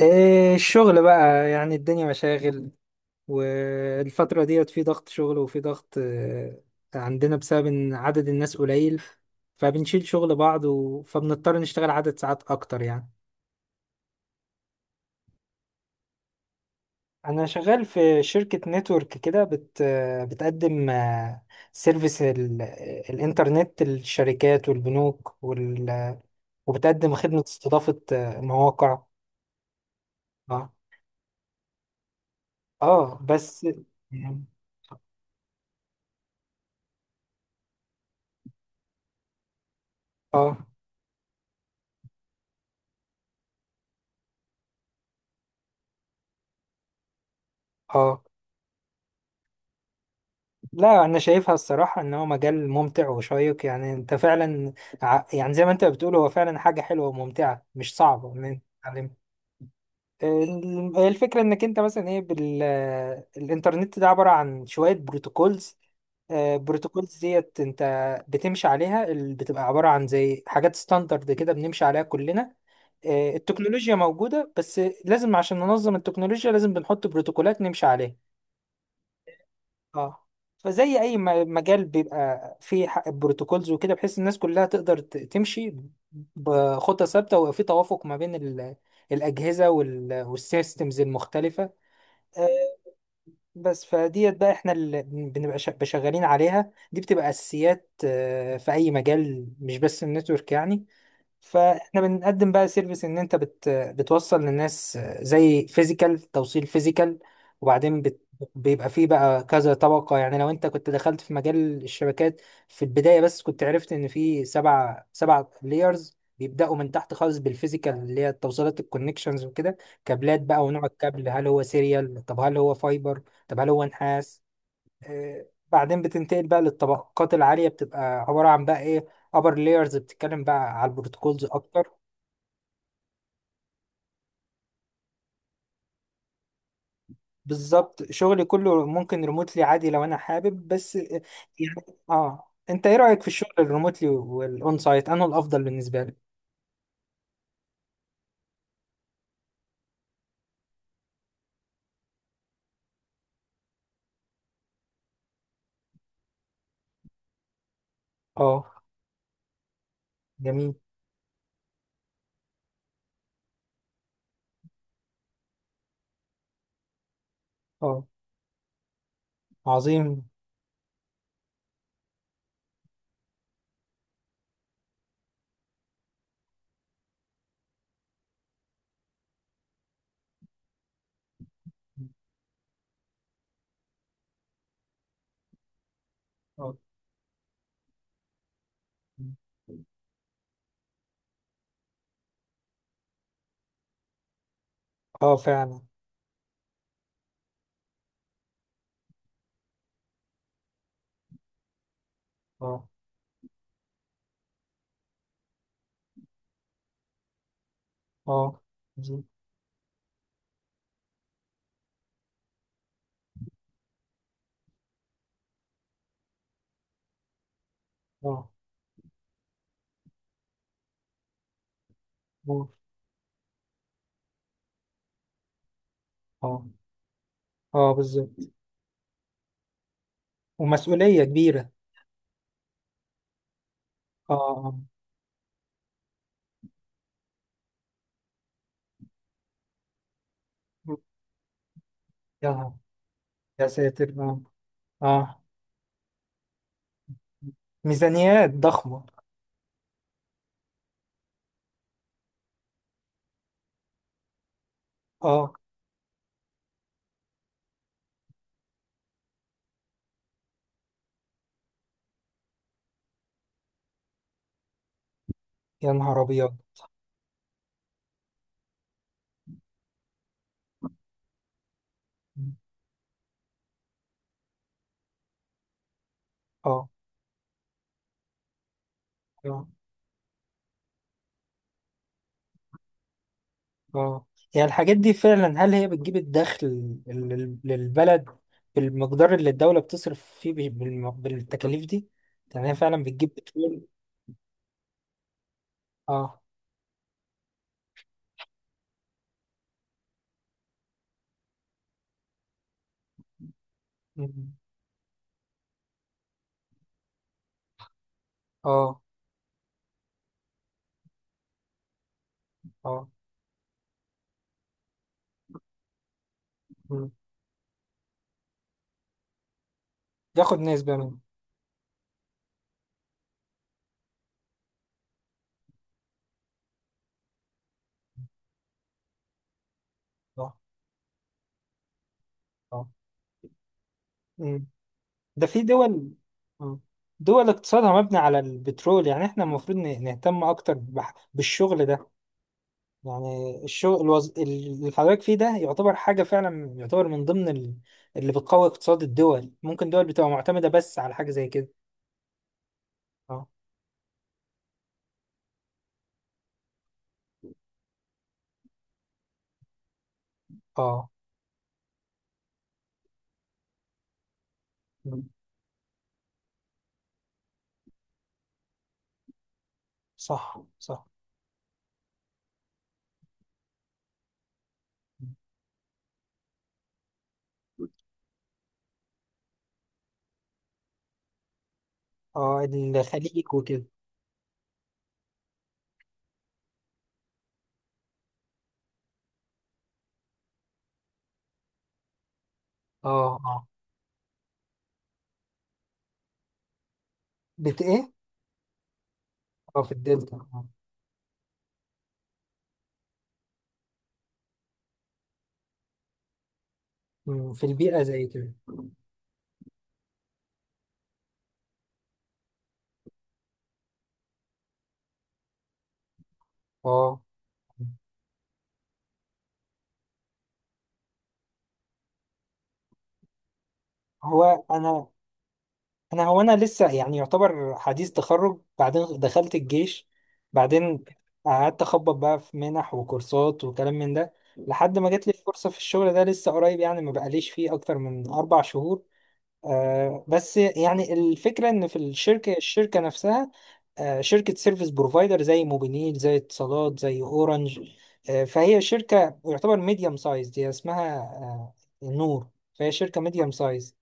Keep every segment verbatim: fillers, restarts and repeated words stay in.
إيه الشغل بقى يعني الدنيا مشاغل. والفترة ديت في ضغط شغل وفي ضغط آه، عندنا بسبب إن عدد الناس قليل، فبنشيل شغل بعض و... فبنضطر نشتغل عدد ساعات أكتر يعني. أنا شغال في شركة نتورك كده بت... آه، بتقدم، آه، سيرفيس ال... آه، الإنترنت للشركات والبنوك وال... آه، وبتقدم خدمة استضافة آه، مواقع. اه. آه، بس. يعني، اه اه. لا، انا شايفها الصراحه ان هو مجال ممتع وشيق، يعني انت فعلا ع- يعني زي ما انت بتقول هو فعلا حاجه حلوه وممتعه، مش صعبه ان انت تتعلمها. ال- الفكره انك انت مثلا ايه بال الانترنت ده عباره عن شويه بروتوكولز، آه، بروتوكولز ديت انت بتمشي عليها، ال- بتبقى عباره عن زي حاجات ستاندرد كده بنمشي عليها كلنا. آه، التكنولوجيا موجوده، بس لازم عشان ننظم التكنولوجيا لازم بنحط بروتوكولات نمشي عليها. اه، فزي اي م- مجال بيبقى فيه ح- بروتوكولز وكده، بحيث الناس كلها تقدر ت- تمشي بخطة ثابتة وفي توافق ما بين ال- الأجهزة وال- والسيستمز المختلفة. آه، بس فديت بقى احنا اللي بنبقى شا- شغالين عليها دي بتبقى أساسيات آه، في أي مجال، مش بس النتورك يعني. فاحنا بنقدم بقى سيرفيس ان انت بت بتوصل للناس زي فيزيكال، توصيل فيزيكال. وبعدين بت بيبقى فيه بقى كذا طبقة، يعني لو انت كنت دخلت في مجال الشبكات في البداية، بس كنت عرفت ان في سبع سبع لايرز بيبدأوا من تحت خالص، بالفيزيكال اللي هي التوصيلات، الكونكشنز وكده، كابلات بقى، ونوع الكابل هل هو سيريال، طب هل هو فايبر، طب هل هو نحاس. آه، بعدين بتنتقل بقى للطبقات العالية، بتبقى عبارة عن بقى ايه، upper layers بتتكلم بقى على البروتوكولز اكتر. بالظبط، شغلي كله ممكن ريموتلي عادي لو انا حابب، بس آه، يعني. اه، انت ايه رأيك في الشغل الريموتلي والاون سايت؟ انه الافضل بالنسبة لي. اه. جميل. اه. عظيم. اه، اه فعلا. اه اه. عظيم. اه اه اه. آه، بالظبط. ومسؤولية كبيرة. اه. آه. يا يا ساتر. اه. اه. ميزانيات ضخمة. اه. يا نهار أبيض. اه اه اه. يعني الحاجات دي فعلا هل هي بتجيب الدخل لل- لل- للبلد بالمقدار اللي الدولة بتصرف فيه بال- بالم- بالتكاليف دي؟ يعني هي فعلا بتجيب، بتقول. اه. مم. اه اه. مم. ياخد نسبة منه. اه اه. مم. ده في دول. مم. دول اقتصادها مبني على البترول، يعني احنا المفروض ن- نهتم أكتر بح- بالشغل ده. يعني الشغل الوز... اللي حضرتك فيه ده يعتبر حاجة فعلا، يعتبر من ضمن ال- اللي بتقوي اقتصاد الدول. ممكن دول بتبقى معتمدة بس على حاجة زي كده. اه اه. مم. صح صح. اه، الخليج وكده. اه اه، بت ايه؟ اه، في الدلتا. آه. مم، في البيئة زي كده. اه. هو انا انا هو انا لسه يعني يعتبر حديث تخرج، بعدين دخلت الجيش. بعدين قعدت اخبط بقى في منح وكورسات وكلام من ده، لحد ما جات لي فرصة في الشغل ده لسه قريب، يعني ما بقاليش فيه اكتر من اربع شهور. آه، بس يعني الفكرة ان في الشركة، الشركة نفسها آه، شركة سيرفيس بروفايدر زي موبينيل زي اتصالات زي اورنج. آه، فهي شركة يعتبر ميديم سايز، دي اسمها آه نور. فهي شركة ميديم سايز،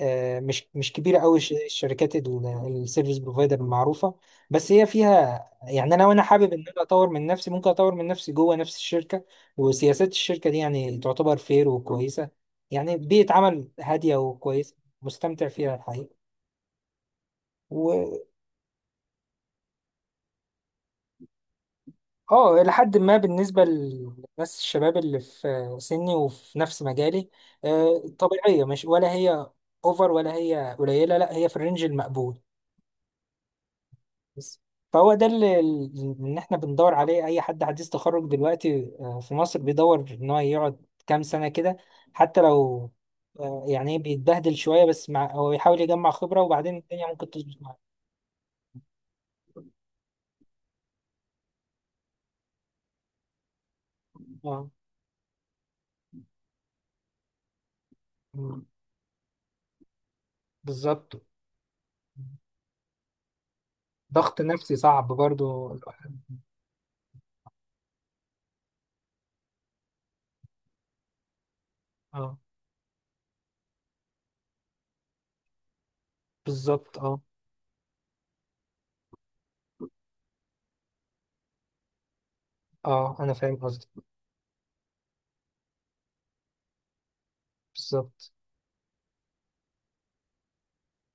آه، مش مش كبيره قوي الشركات ال- السيرفيس بروفايدر المعروفه. بس هي فيها، يعني انا وانا حابب ان انا اطور من نفسي، ممكن اطور من نفسي جوه نفس الشركه. وسياسات الشركه دي يعني تعتبر فير وكويسه، يعني بيئه عمل هاديه وكويسه. مستمتع فيها الحقيقه، و اه، لحد ما بالنسبه للناس الشباب اللي في سني وفي نفس مجالي، آه، طبيعيه، مش، ولا هي اوفر ولا هي قليله، لا هي في الرينج المقبول. بس فهو ده اللي ان احنا بندور عليه، اي حد حديث تخرج دلوقتي آه، في مصر بيدور ان هو يقعد كام سنه كده، حتى لو آه، يعني إيه بيتبهدل شويه، بس مع هو بيحاول يجمع خبره وبعدين الدنيا ممكن تظبط معاه. اه. مم. بالظبط. ضغط نفسي صعب برضو. اه، بالظبط. اه اه، انا فاهم قصدك. بالظبط.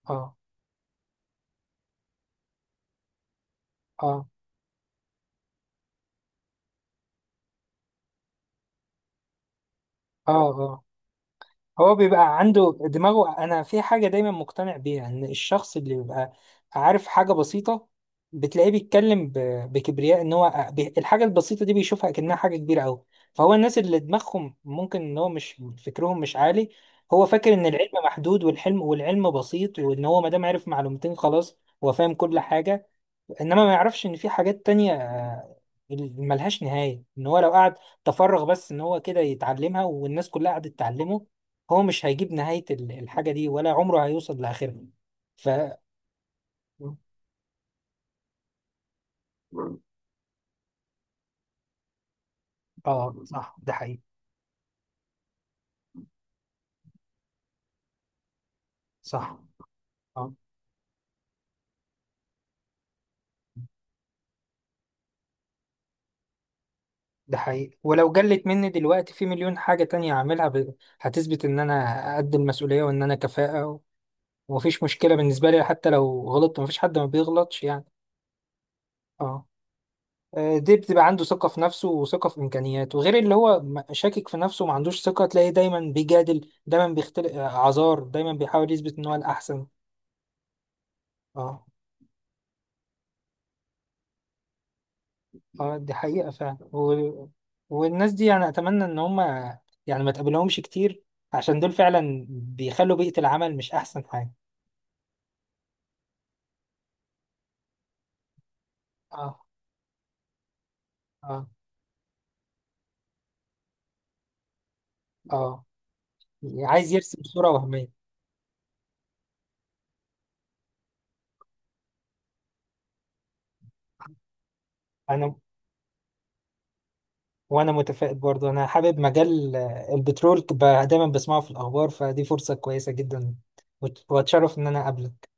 اه اه اه اه. هو بيبقى عنده دماغه. انا في حاجه دايما مقتنع بيها، ان الشخص اللي بيبقى عارف حاجه بسيطه بتلاقيه بيتكلم ب- بكبرياء، ان هو بي- الحاجه البسيطه دي بيشوفها كأنها حاجه كبيره قوي. فهو الناس اللي دماغهم ممكن ان هو مش، فكرهم مش عالي، هو فاكر ان العلم محدود والحلم والعلم بسيط، وان هو ما دام عرف معلومتين خلاص هو فاهم كل حاجه. انما ما يعرفش ان في حاجات تانية آه، ملهاش نهاية، ان هو لو قعد تفرغ بس ان هو كده يتعلمها والناس كلها قعدت تعلمه، هو مش هيجيب نهاية ال- الحاجة دي، ولا عمره هيوصل لاخرها. ف، اه صح، ده حقيقي. صح. اه. ده حقيقي، ولو جلت مني دلوقتي في مليون حاجة تانية هعملها ب... هتثبت ان انا قد المسؤولية وان انا كفاءة، و... ومفيش مشكلة بالنسبة لي. حتى لو غلطت مفيش حد ما بيغلطش يعني. اه. آه، دي بتبقى عنده ثقة في نفسه وثقة في إمكانياته، غير اللي هو م- شاكك في نفسه وما عندوش ثقة، تلاقيه دايما بيجادل، دايما بيختلق آه، أعذار، دايما بيحاول يثبت إن هو الأحسن. اه اه، دي حقيقة فعلا. و... والناس دي يعني أتمنى إن هما، يعني ما تقابلهمش كتير، عشان دول فعلا بيخلوا بيئة العمل مش أحسن حاجة. اه اه اه. عايز يرسم صورة وهمية. أنا، وانا متفائل برضه، انا حابب مجال آه، البترول، ب- دايما بسمعه في الاخبار، فدي فرصة كويسة جدا. وت- واتشرف ان انا اقابلك